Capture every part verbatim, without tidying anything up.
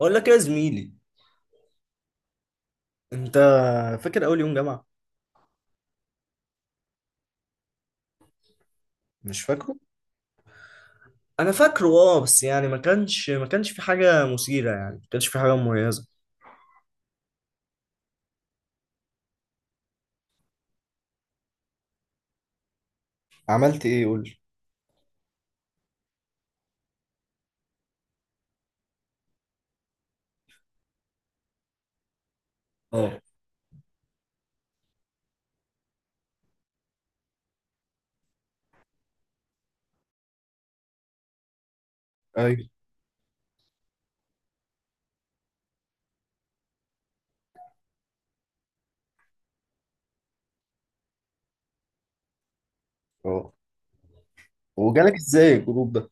بقول لك إيه يا زميلي. انت فاكر اول يوم جامعه؟ مش فاكره. انا فاكره، اه، بس يعني ما كانش ما كانش في حاجه مثيره، يعني ما كانش في حاجه مميزه. عملت ايه؟ قول لي. اه. ايوه. اه. وجالك ازاي الجروب ده؟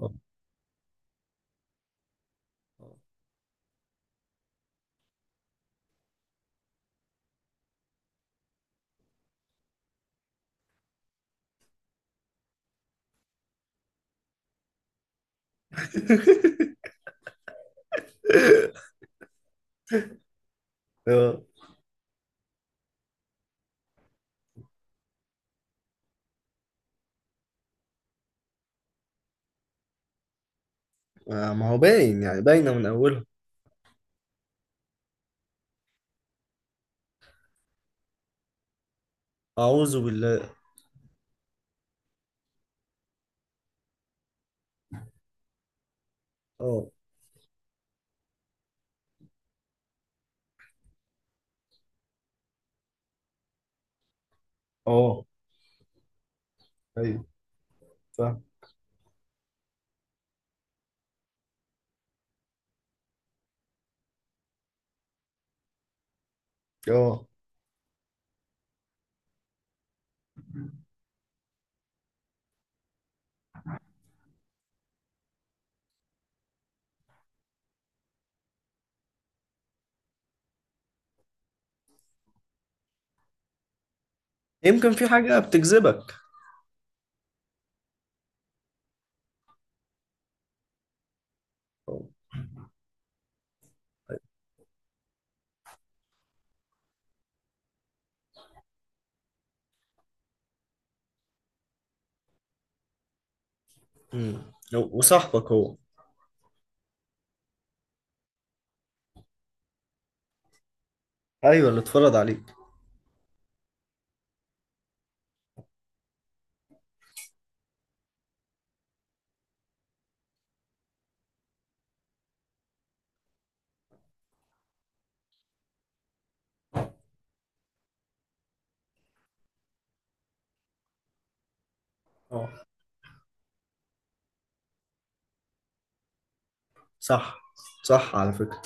اه. آه، ما هو باين، يعني باينه من اولها. اعوذ بالله. اه. اه. ايوه. فاهم. اه. يمكن في حاجه بتجذبك. آه. أمم. وصاحبك هو؟ ايوه، اللي اتفرض عليك. اه، صح، صح على فكره.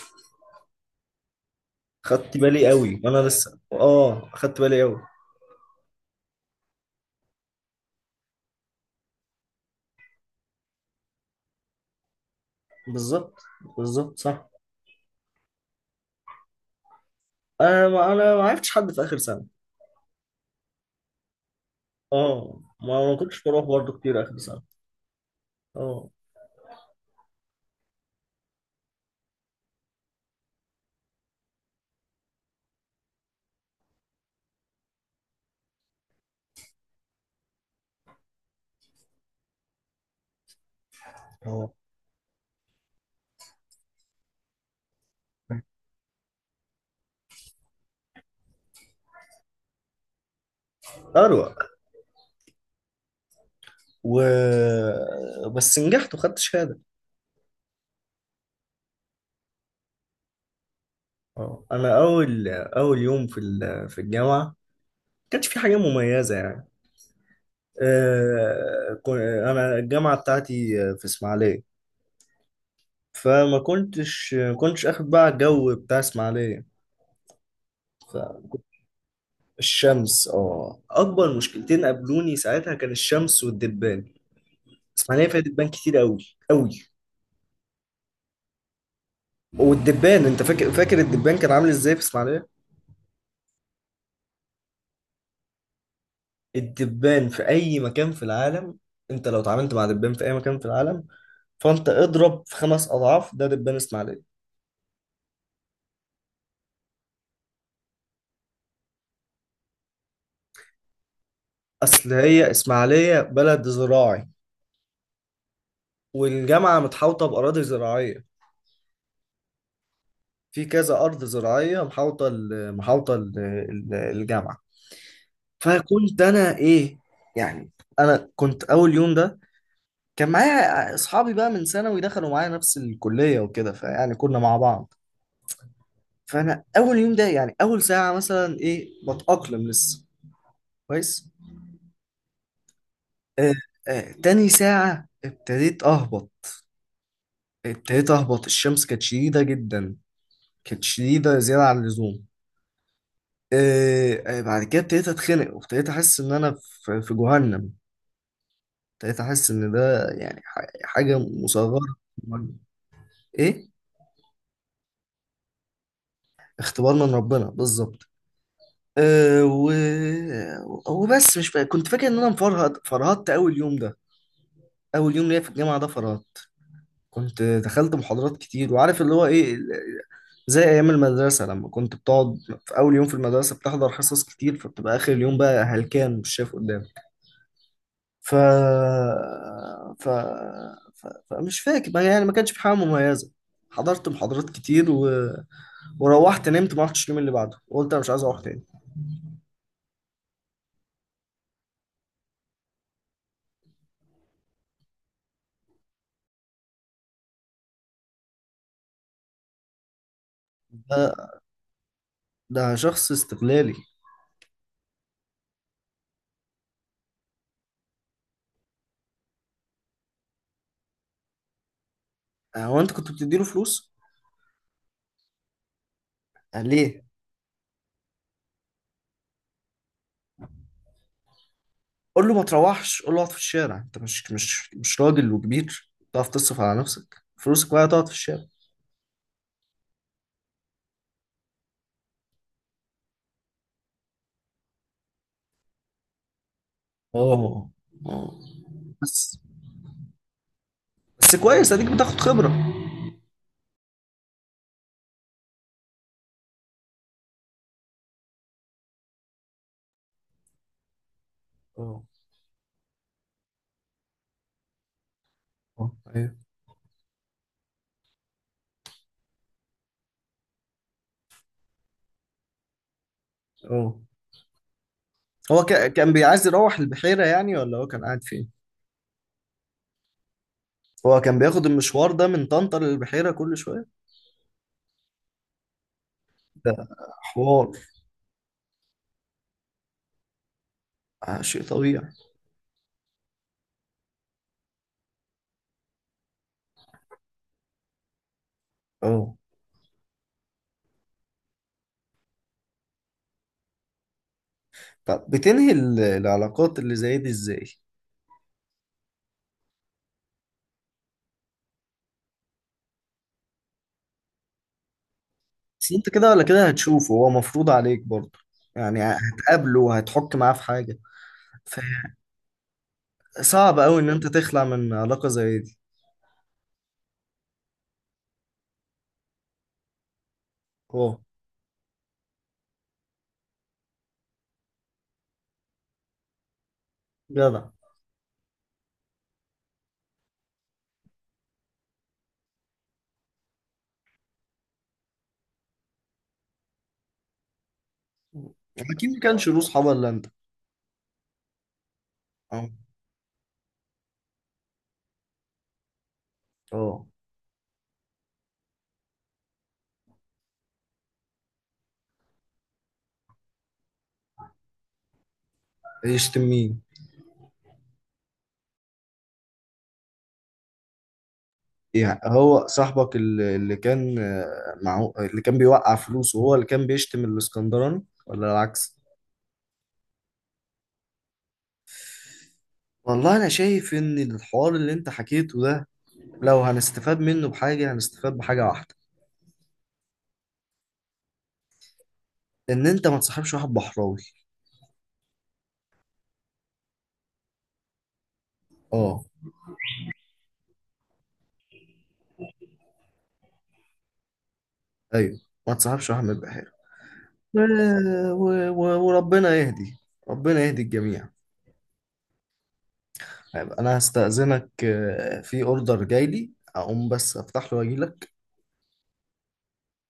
خدت بالي قوي وانا لسه، اه خدت بالي قوي. بالظبط. بالظبط صح. انا ما انا ما عرفتش حد في اخر سنه. اه، ما ما كنتش بروح برضه كتير اخر سنه. اه. اه. اروق. و بس نجحت وخدت شهاده. اه، انا اول اول يوم في ال- في الجامعه ما كانش في حاجه مميزه يعني. آه، كو- انا الجامعه بتاعتي في اسماعيليه، فما كنتش كنتش اخد بقى الجو بتاع اسماعيليه. الشمس، اه، اكبر مشكلتين قابلوني ساعتها كان الشمس والدبان. اسماعيليه فيها دبان كتير قوي قوي. والدبان، انت فاكر، فاكر الدبان كان عامل ازاي في اسماعيليه؟ الدبان في اي مكان في العالم، انت لو اتعاملت مع دبان في اي مكان في العالم، فانت اضرب في خمس اضعاف ده دبان اسماعيليه. اصل هي اسماعيليه بلد زراعي، والجامعه متحوطه باراضي زراعيه. في كذا ارض زراعيه محاوطه ال- محاوطه ال- ال- الجامعه. فكنت انا ايه، يعني انا كنت اول يوم ده كان معايا اصحابي بقى من ثانوي دخلوا معايا نفس الكليه وكده، فيعني كنا مع بعض. فانا اول يوم ده يعني اول ساعه مثلا ايه، بتاقلم لسه كويس. آه. آه تاني ساعه ابتديت اهبط، ابتديت اهبط الشمس كانت شديده جدا، كانت شديده زياده عن اللزوم. آه. آه بعد كده ابتديت اتخنق وابتديت احس ان انا في في جهنم. ابتديت احس ان ده يعني ح- حاجه مصغره. ايه. اختبار من ربنا بالظبط. أه و... وبس مش فا... كنت فاكر ان انا مفرهد، فرهدت اول يوم ده. اول يوم ليا في الجامعه ده فرهدت. كنت دخلت محاضرات كتير، وعارف اللي هو ايه ال- زي ايام المدرسه لما كنت بتقعد في اول يوم في المدرسه بتحضر حصص كتير، فبتبقى اخر اليوم بقى هلكان مش شايف قدامك. ف... ف... ف... فمش فاكر ما- يعني ما كانش في حاجه مميزه. حضرت محاضرات كتير و... وروحت نمت، ما رحتش اليوم اللي بعده، وقلت انا مش عايز اروح تاني. آه، ده شخص استغلالي. آه، هو انت كنت بتديله فلوس؟ قال ليه؟ قول له ما تروحش، قول له اقعد في الشارع، انت مش مش مش راجل وكبير تعرف تصرف على نفسك؟ فلوسك بقى تقعد في الشارع. اه. اه. بس، بس كويس اديك بتاخد خبرة. اه. اه. ايوه. اه. هو كا- كان بيعايز يروح البحيرة يعني ولا هو كان قاعد فين؟ هو كان بياخد المشوار ده من طنطا للبحيرة كل شوية. ده حوار. آه، شيء طبيعي. اه، طب بتنهي ال- العلاقات اللي زي دي ازاي؟ بس انت كده ولا كده هتشوفه، هو مفروض عليك برضه، يعني هتقابله وهتحك معاه في حاجة. فصعب قوي ان انت تخلع من علاقة زي دي. اه. جدع. اكيد ما كانش له صحاب الا انت. اه. اه. يشتم مين؟ يعني هو صاحبك اللي اللي كان، آه، معه، اللي كان بيوقع فلوسه هو اللي كان بيشتم الاسكندراني ولا العكس؟ والله انا شايف ان الحوار اللي انت حكيته ده لو هنستفاد منه بحاجة هنستفاد بحاجة واحدة. ان انت ما تصاحبش واحد بحراوي. اه، ايوه. ما تصاحبش واحد من البحيرة. و- و- وربنا يهدي، ربنا يهدي الجميع. طيب، انا هستأذنك، آه، في اوردر جاي لي اقوم بس افتح له واجي لك.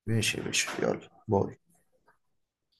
ماشي يا باشا، يلا باي.